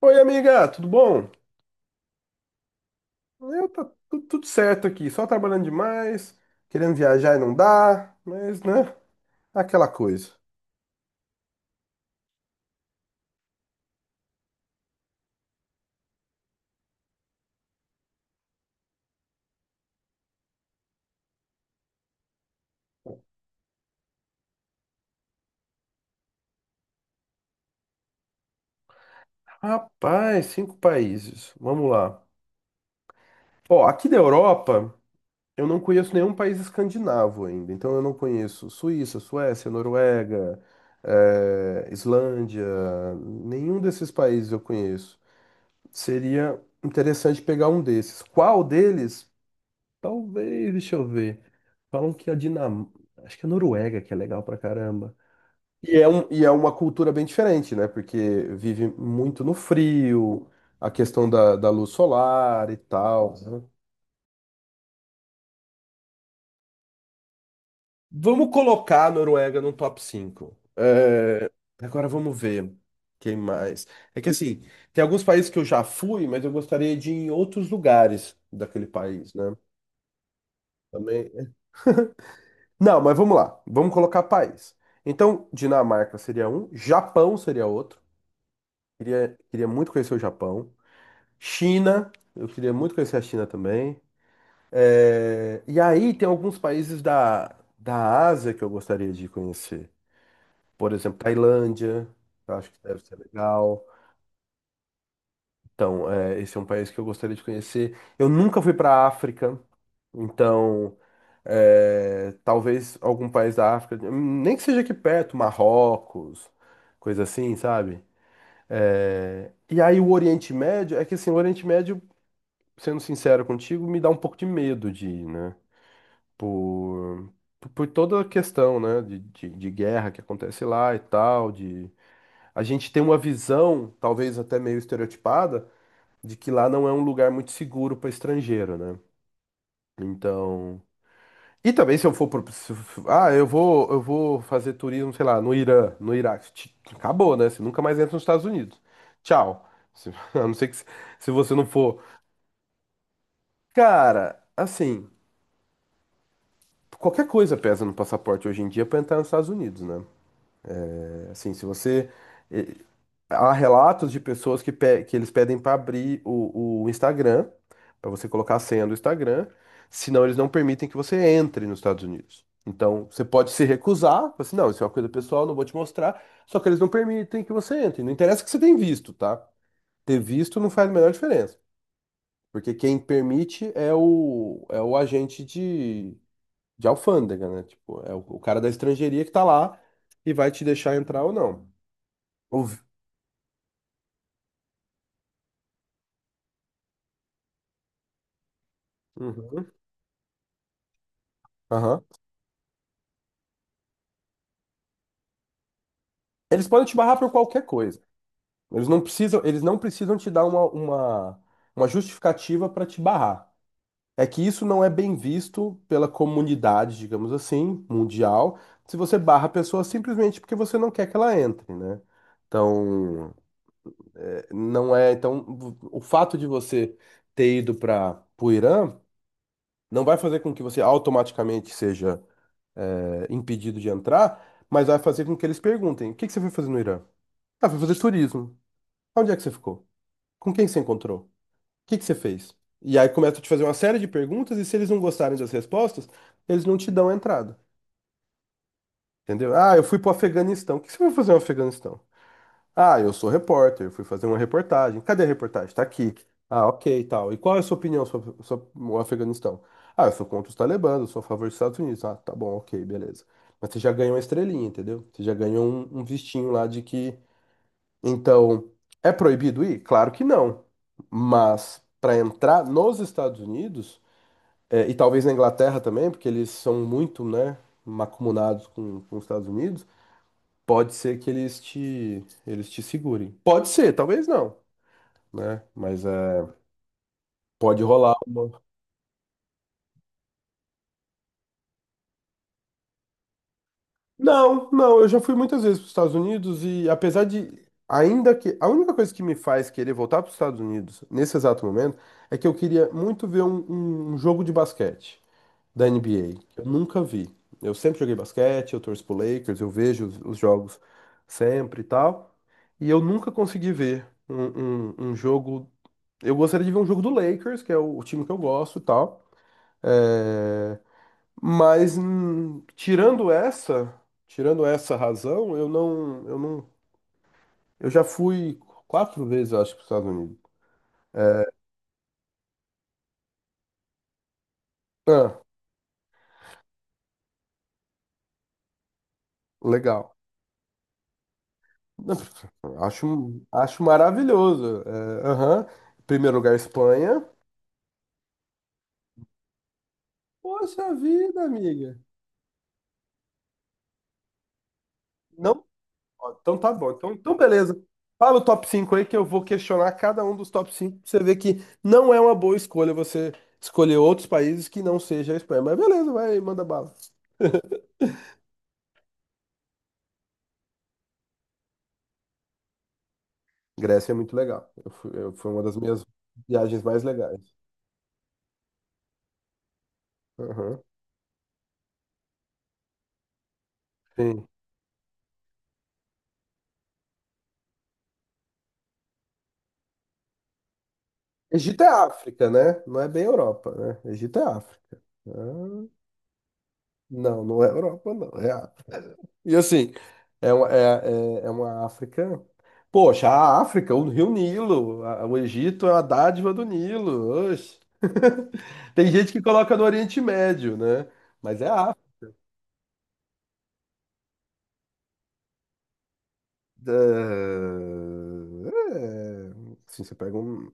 Oi, amiga, tudo bom? Eu tá tudo certo aqui, só trabalhando demais, querendo viajar e não dá, mas né, aquela coisa. Rapaz, cinco países. Vamos lá. Ó, aqui da Europa, eu não conheço nenhum país escandinavo ainda, então eu não conheço Suíça, Suécia, Noruega, Islândia, nenhum desses países eu conheço. Seria interessante pegar um desses. Qual deles? Talvez, deixa eu ver. Falam que a Dinamarca, acho que a Noruega que é legal pra caramba. E é uma cultura bem diferente, né? Porque vive muito no frio, a questão da luz solar e tal. Vamos colocar a Noruega no top 5. É, agora vamos ver quem mais. É que assim, tem alguns países que eu já fui, mas eu gostaria de ir em outros lugares daquele país, né? Também. Não, mas vamos lá. Vamos colocar país. Então, Dinamarca seria um, Japão seria outro. Queria muito conhecer o Japão. China, eu queria muito conhecer a China também. É, e aí tem alguns países da Ásia que eu gostaria de conhecer. Por exemplo, Tailândia, que eu acho que deve ser legal. Então, é, esse é um país que eu gostaria de conhecer. Eu nunca fui para a África, então é, talvez algum país da África, nem que seja aqui perto, Marrocos, coisa assim, sabe? É, e aí o Oriente Médio, é que assim, o Oriente Médio, sendo sincero contigo, me dá um pouco de medo de ir, né? Por, por toda a questão, né? De guerra que acontece lá e tal, de a gente tem uma visão, talvez até meio estereotipada, de que lá não é um lugar muito seguro para estrangeiro, né? Então. E também se eu for pro... se- Ah, eu vou fazer turismo, sei lá, no Irã, no Iraque. Acabou, né? Você nunca mais entra nos Estados Unidos. Tchau. A não ser que se você não for. Cara, assim, qualquer coisa pesa no passaporte hoje em dia para entrar nos Estados Unidos, né? É, assim, se você. Há relatos de pessoas que, que eles pedem para abrir o Instagram, para você colocar a senha do Instagram, senão eles não permitem que você entre nos Estados Unidos. Então, você pode se recusar, falar assim, não, isso é uma coisa pessoal, não vou te mostrar, só que eles não permitem que você entre. Não interessa que você tenha visto, tá? Ter visto não faz a menor diferença, porque quem permite é o agente de alfândega, né? Tipo, é o cara da estrangeiria que tá lá e vai te deixar entrar ou não. Ouvi- Uhum. Aham. Eles podem te barrar por qualquer coisa. Eles não precisam te dar uma justificativa para te barrar. É que isso não é bem visto pela comunidade, digamos assim, mundial, se você barra a pessoa simplesmente porque você não quer que ela entre, né? Então, é, não é. Então, o fato de você ter ido para o Irã não vai fazer com que você automaticamente seja, é, impedido de entrar, mas vai fazer com que eles perguntem: o que que você foi fazer no Irã? Ah, foi fazer turismo. Onde é que você ficou? Com quem que você encontrou? O que que você fez? E aí começa a te fazer uma série de perguntas, e se eles não gostarem das respostas, eles não te dão a entrada. Entendeu? Ah, eu fui pro Afeganistão. O que você vai fazer no Afeganistão? Ah, eu sou repórter, eu fui fazer uma reportagem. Cadê a reportagem? Tá aqui. Ah, ok, e tal. E qual é a sua opinião sobre o Afeganistão? Ah, eu sou contra os talibãs, eu sou a favor dos Estados Unidos. Ah, tá bom, ok, beleza. Mas você já ganhou uma estrelinha, entendeu? Você já ganhou um vistinho lá de que. Então, é proibido ir? Claro que não. Mas para entrar nos Estados Unidos, é, e talvez na Inglaterra também, porque eles são muito, né, macumunados com os Estados Unidos, pode ser que eles te segurem. Pode ser, talvez não, né? Mas é, pode rolar uma-. Não, não, eu já fui muitas vezes para os Estados Unidos e apesar de. Ainda que a única coisa que me faz querer voltar para os Estados Unidos nesse exato momento é que eu queria muito ver um jogo de basquete da NBA. Eu nunca vi. Eu sempre joguei basquete, eu torço pro Lakers, eu vejo os jogos sempre e tal. E eu nunca consegui ver um jogo. Eu gostaria de ver um jogo do Lakers, que é o time que eu gosto e tal. É, mas tirando essa razão, eu não, eu não, eu já fui quatro vezes, eu acho, para os Estados Unidos. Ah, legal. Não, Acho maravilhoso. É, aham. Primeiro lugar, Espanha. Poxa vida, amiga. Não? Ó, então tá bom. Então beleza. Fala o top 5 aí que eu vou questionar cada um dos top cinco, pra você ver que não é uma boa escolha você escolher outros países que não seja a Espanha. Mas beleza, vai, manda bala. Grécia é muito legal. Foi uma das minhas viagens mais legais. Aham, sim. Egito é África, né? Não é bem Europa, né? Egito é África. Ah, não, não é Europa, não. É África. E assim, é uma África. Poxa, a África, o Rio Nilo, o Egito é uma dádiva do Nilo. Oxe. Tem gente que coloca no Oriente Médio, né? Mas é a África. É, assim, você pega um,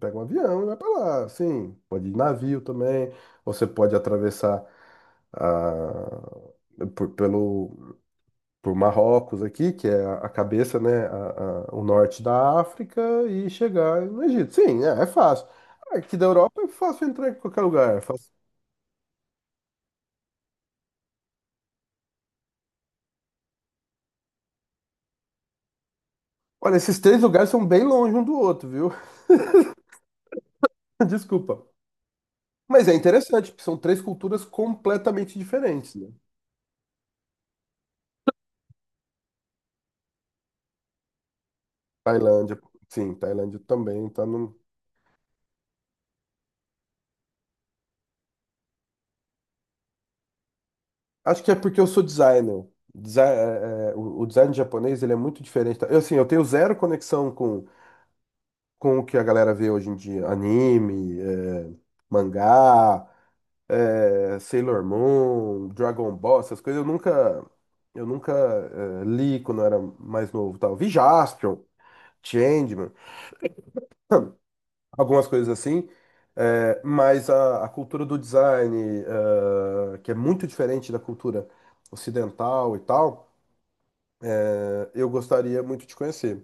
pega um avião e vai pra lá. Assim, pode ir de navio também. Ou você pode atravessar a, por- pelo. Por Marrocos aqui, que é a cabeça, né, o norte da África, e chegar no Egito. Sim, é fácil. Aqui da Europa é fácil entrar em qualquer lugar. É fácil. Olha, esses três lugares são bem longe um do outro, viu? Desculpa. Mas é interessante, porque são três culturas completamente diferentes, né? Tailândia, sim, Tailândia também tá no... Acho que é porque eu sou designer. O design japonês, ele é muito diferente. Eu, assim, eu tenho zero conexão com o que a galera vê hoje em dia, anime, mangá, Sailor Moon, Dragon Ball, essas coisas eu nunca, li quando eu era mais novo, tal. Vi Jaspion, Changeman, algumas coisas assim, mas a cultura do design, que é muito diferente da cultura ocidental e tal, eu gostaria muito de conhecer.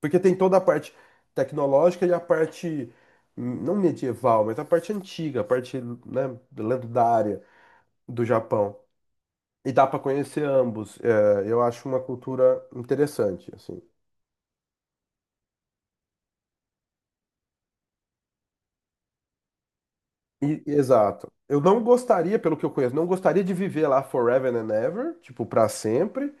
Porque tem toda a parte tecnológica e a parte, não medieval, mas a parte antiga, a parte, né, lendária do Japão. E dá para conhecer ambos. É, eu acho uma cultura interessante, assim. Exato. Eu não gostaria, pelo que eu conheço, não gostaria de viver lá forever and ever, tipo, para sempre.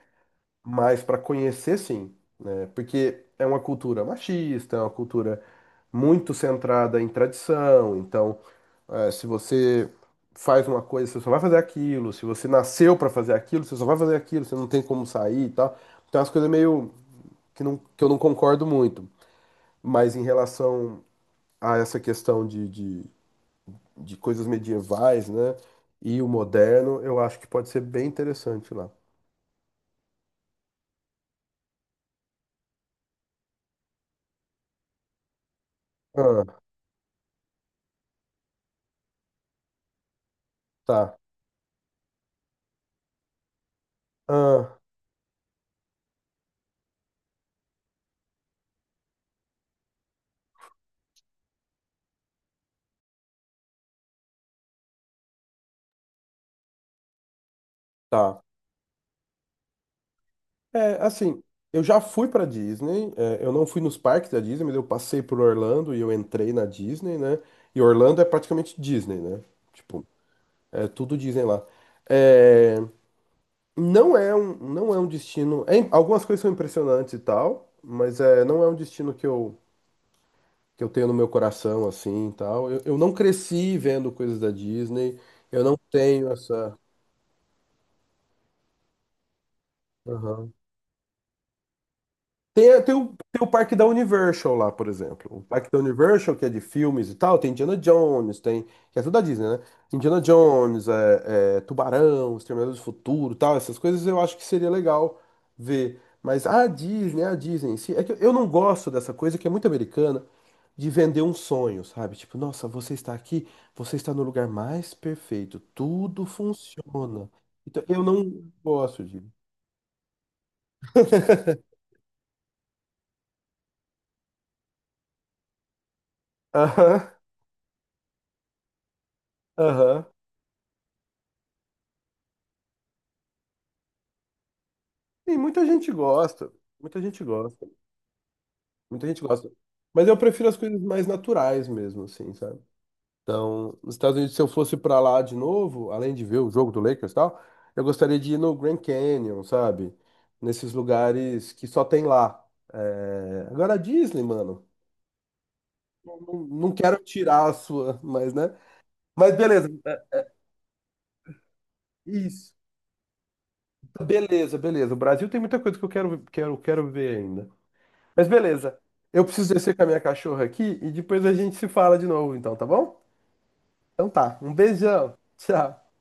Mas para conhecer, sim, né? Porque é uma cultura machista, é uma cultura muito centrada em tradição. Então, se você faz uma coisa, você só vai fazer aquilo. Se você nasceu para fazer aquilo, você só vai fazer aquilo. Você não tem como sair e tal. Então, as coisas meio que, não, que eu não concordo muito. Mas em relação a essa questão de coisas medievais, né? E o moderno, eu acho que pode ser bem interessante lá. Ah, tá. Ah, tá. É, assim, eu já fui pra Disney, é, eu não fui nos parques da Disney, mas eu passei por Orlando e eu entrei na Disney, né? E Orlando é praticamente Disney, né? Tipo, é tudo Disney lá. É, não é um destino. Algumas coisas são impressionantes e tal, mas é, não é um destino que eu tenho no meu coração, assim, e tal. Eu não cresci vendo coisas da Disney, eu não tenho essa. Aham. Tem o parque da Universal lá, por exemplo. O parque da Universal, que é de filmes e tal, tem Indiana Jones, tem. Que é tudo da Disney, né? Indiana Jones, é, Tubarão, Exterminador do Futuro, e tal, essas coisas eu acho que seria legal ver. Mas a Disney em si, é que eu não gosto dessa coisa que é muito americana de vender um sonho, sabe? Tipo, nossa, você está aqui, você está no lugar mais perfeito, tudo funciona. Então, eu não gosto de. Aham, aham. Sim, muita gente gosta. Muita gente gosta. Muita gente gosta. Mas eu prefiro as coisas mais naturais mesmo, assim, sabe? Então, nos Estados Unidos, se eu fosse pra lá de novo, além de ver o jogo do Lakers e tal, eu gostaria de ir no Grand Canyon, sabe? Nesses lugares que só tem lá. É, agora a Disney, mano, não, não não quero tirar a sua, mas, né? Mas beleza, isso. Beleza, beleza. O Brasil tem muita coisa que eu quero, quero, quero ver ainda. Mas beleza. Eu preciso descer com a minha cachorra aqui e depois a gente se fala de novo, então, tá bom? Então tá. Um beijão. Tchau.